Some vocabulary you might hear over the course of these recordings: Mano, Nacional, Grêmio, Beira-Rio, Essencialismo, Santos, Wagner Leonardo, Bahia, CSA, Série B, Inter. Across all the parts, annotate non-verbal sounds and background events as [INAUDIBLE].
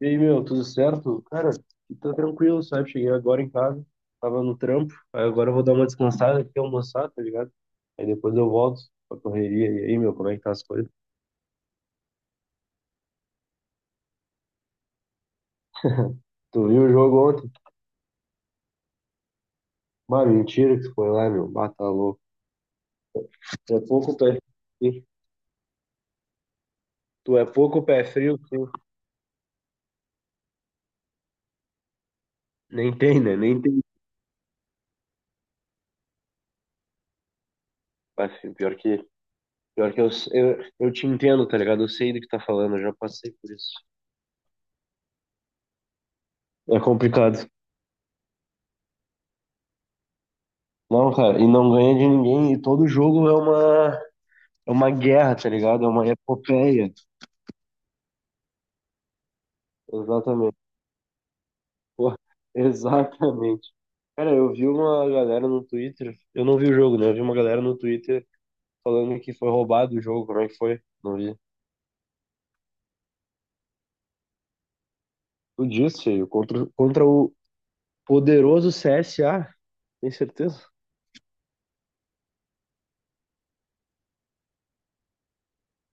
E aí, meu, tudo certo? Cara, tá tranquilo, sabe? Cheguei agora em casa, tava no trampo, aí agora eu vou dar uma descansada aqui, almoçar, tá ligado? Aí depois eu volto pra correria. E aí, meu, como é que tá as coisas? Tu viu o jogo ontem? Mas mentira que tu foi lá, meu, bata louco. Tu é pouco pé frio. Tu é pouco pé frio, sim. Nem tem, né? Nem tem. Mas, assim, pior que, pior que eu te entendo, tá ligado? Eu sei do que tá falando, eu já passei por isso. É complicado. Não, cara, e não ganha de ninguém, e todo jogo é uma é uma guerra, tá ligado? É uma epopeia. Exatamente. Pô, [LAUGHS] exatamente. Cara, eu vi uma galera no Twitter. Eu não vi o jogo, né? Eu vi uma galera no Twitter falando que foi roubado o jogo. Como é que foi? Não vi. Tu disse, feio. Contra, contra o poderoso CSA. Tem certeza?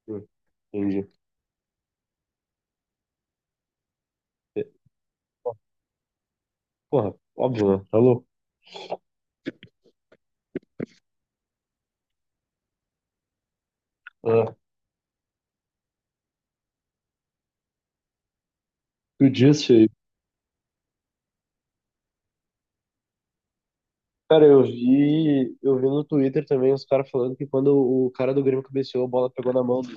Hum, Entendi. É, Porra, óbvio, né? Tá louco. Ah, tu disse, feio. Cara, eu vi no Twitter também os caras falando que quando o cara do Grêmio cabeceou, a bola pegou na mão do...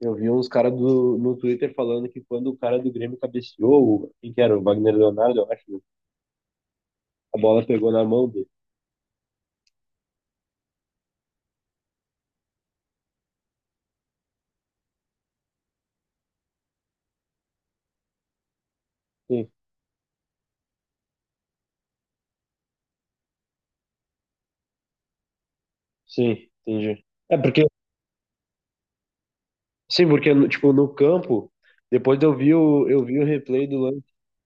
Eu vi uns caras no Twitter falando que quando o cara do Grêmio cabeceou, quem que era? O Wagner Leonardo, eu acho, né? A bola pegou na mão dele. Sim, sim, entendi. É porque, sim, porque, tipo, no campo, depois eu vi o replay do lance.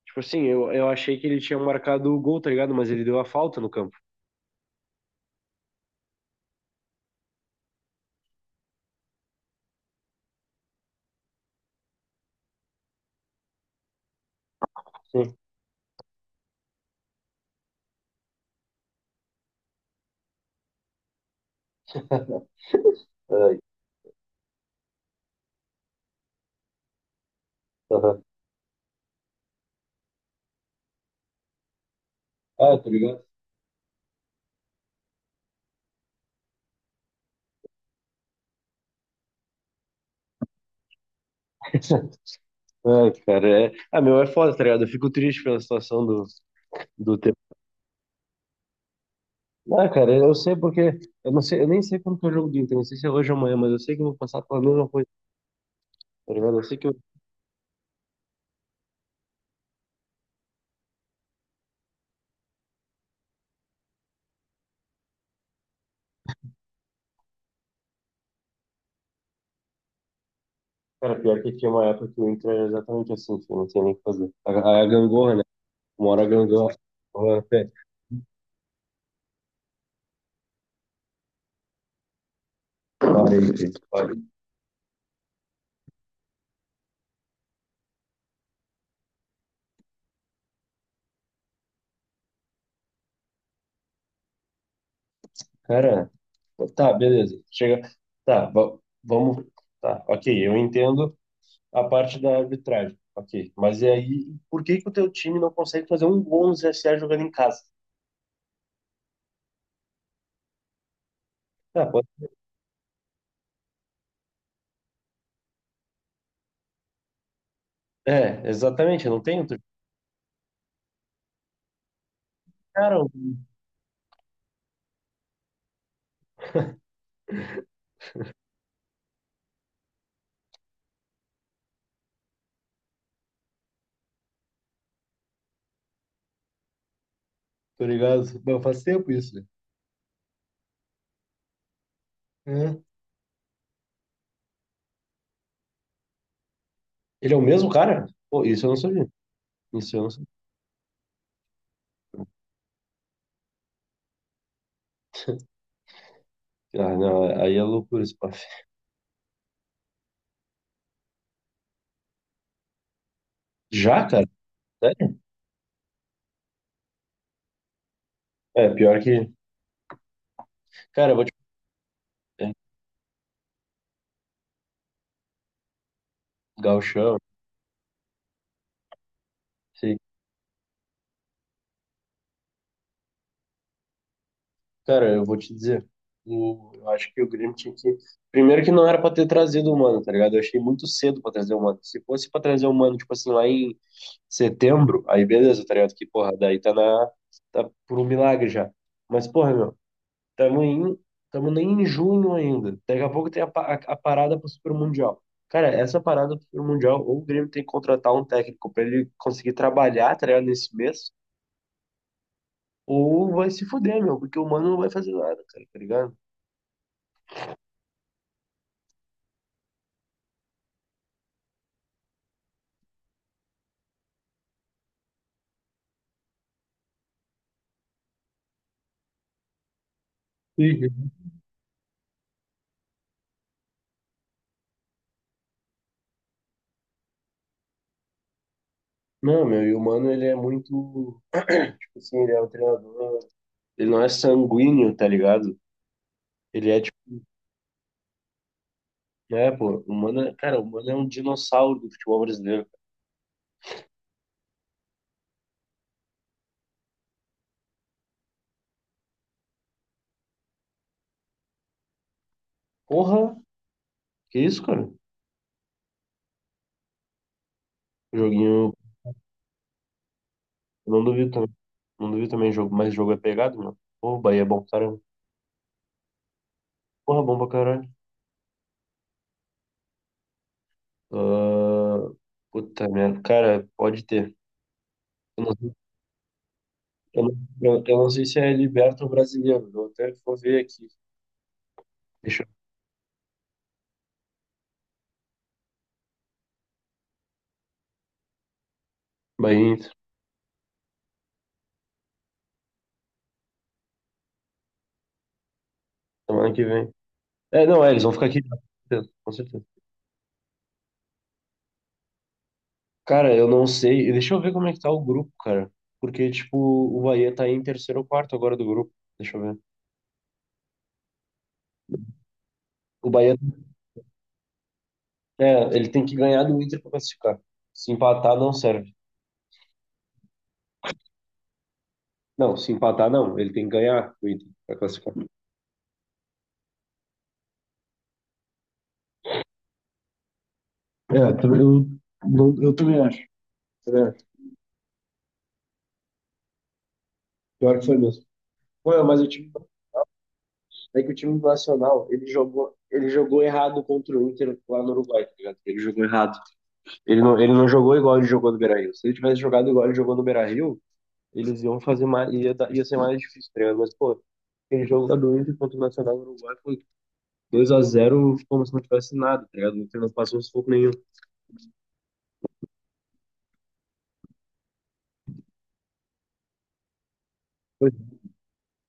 Tipo assim, eu achei que ele tinha marcado o gol, tá ligado? Mas ele deu a falta no campo. Sim. Ai, aham. Ah, tá ligado? [LAUGHS] Ai, cara, é... Ah, meu, é foda, tá ligado? Eu fico triste pela situação do, do... Ah, cara, eu sei porque. Eu não sei, eu nem sei quando que é o jogo do Inter, não sei se é hoje ou amanhã, mas eu sei que eu vou passar pela mesma coisa, tá ligado? Eu sei que. Eu- Cara, pior que tinha uma época que o Inter era exatamente assim, filho, não sei nem o que fazer. A gangorra, né? Uma hora a gangorra. Olha, filho, olha. Cara, tá, beleza. Chega. Tá, vamos. Tá, ok, eu entendo a parte da arbitragem, ok. Mas e aí, por que que o teu time não consegue fazer um gol no CSA jogando em casa? Ah, pode-... É, exatamente, não tem outro. Cara, tá ligado? Não, faz tempo isso. né? É. Ele é o mesmo cara? Pô, isso eu não sabia. Isso eu não sabia. Ah, não, aí é loucura esse papo. Já, cara? Sério? É, pior que... Cara, eu vou te... É, gauchão, sei. Cara, eu vou te dizer. O... Eu acho que o Grêmio tinha que... Primeiro que não era pra ter trazido o Mano, tá ligado? Eu achei muito cedo pra trazer o Mano. Se fosse pra trazer o Mano, tipo assim, lá em setembro, aí beleza, tá ligado? Que, porra, daí tá na... Tá por um milagre já. Mas, porra, meu. Tamo em, tamo nem em junho ainda. Daqui a pouco tem a parada pro Super Mundial. Cara, essa parada pro Super Mundial, ou o Grêmio tem que contratar um técnico pra ele conseguir trabalhar, tá ligado, nesse mês, ou vai se fuder, meu, porque o Mano não vai fazer nada, cara, tá ligado? Uhum. Não, meu, e o Mano, ele é muito, tipo assim, ele é um treinador, ele não é sanguíneo, tá ligado? Ele é, tipo, né, pô, o Mano, cara, o Mano é um dinossauro do futebol brasileiro. Porra, que isso, cara? Joguinho... Eu não duvido também. Não duvido também jogo, mas jogo é pegado, meu. Pô, o Bahia é bom pra caramba. Porra, bom pra caralho. Ah, puta merda. Cara, pode ter. Eu não, sei- eu não, eu não sei se é liberto ou brasileiro. Eu até vou ver aqui. Deixa eu... Bahia, Inter, semana que vem. É, não, é, eles vão ficar aqui. Com certeza, com certeza. Cara, eu não sei. Deixa eu ver como é que tá o grupo, cara. Porque, tipo, o Bahia tá em terceiro ou quarto agora do grupo. Deixa eu ver. O Bahia, é, ele tem que ganhar do Inter pra classificar. Se empatar, não serve. Não, se empatar, não. Ele tem que ganhar o Inter para classificar. É, também- eu, não- eu também acho. Também acho. Pior que foi mesmo. Pô, é, mas o time, é que o time do Nacional, ele jogou errado contra o Inter lá no Uruguai, tá ligado? Ele jogou errado. Ele não jogou igual ele jogou no Beira-Rio. Se ele tivesse jogado igual ele jogou no Beira-Rio, eles iam fazer mais, ia ser mais difícil, tá ligado? Mas, pô, aquele jogo lá do Inter contra o Nacional do Uruguai foi dois a zero como se não tivesse nada, tá ligado? O Inter não passou sufoco nenhum. Pois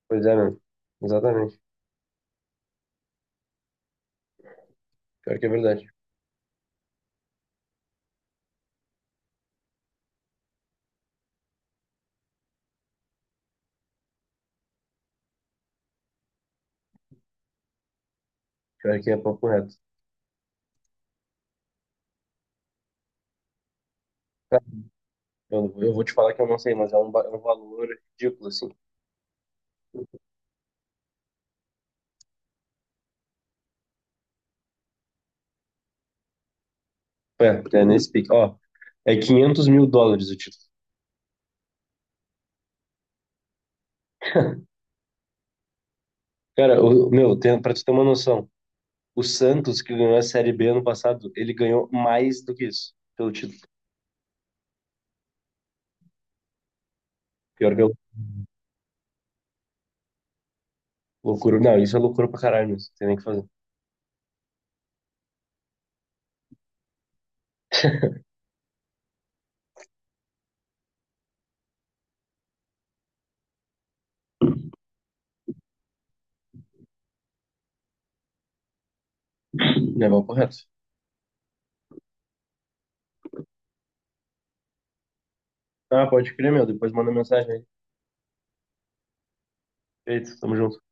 pois é, mano. Exatamente. Pior que é verdade. Pior que é papo reto. Cara, eu, não eu vou te falar que eu não sei, mas é um, é um valor ridículo, assim. É, é nesse pique. Ó, é 500 mil dólares o título. Cara, o, meu, tem, pra tu ter uma noção, o Santos, que ganhou a Série B ano passado, ele ganhou mais do que isso pelo título. Pior que é loucura. Não, isso é loucura pra caralho, mesmo. Não tem nem o que fazer. Não é papo reto. Ah, pode crer, meu. Depois manda mensagem aí. Feito, tamo junto.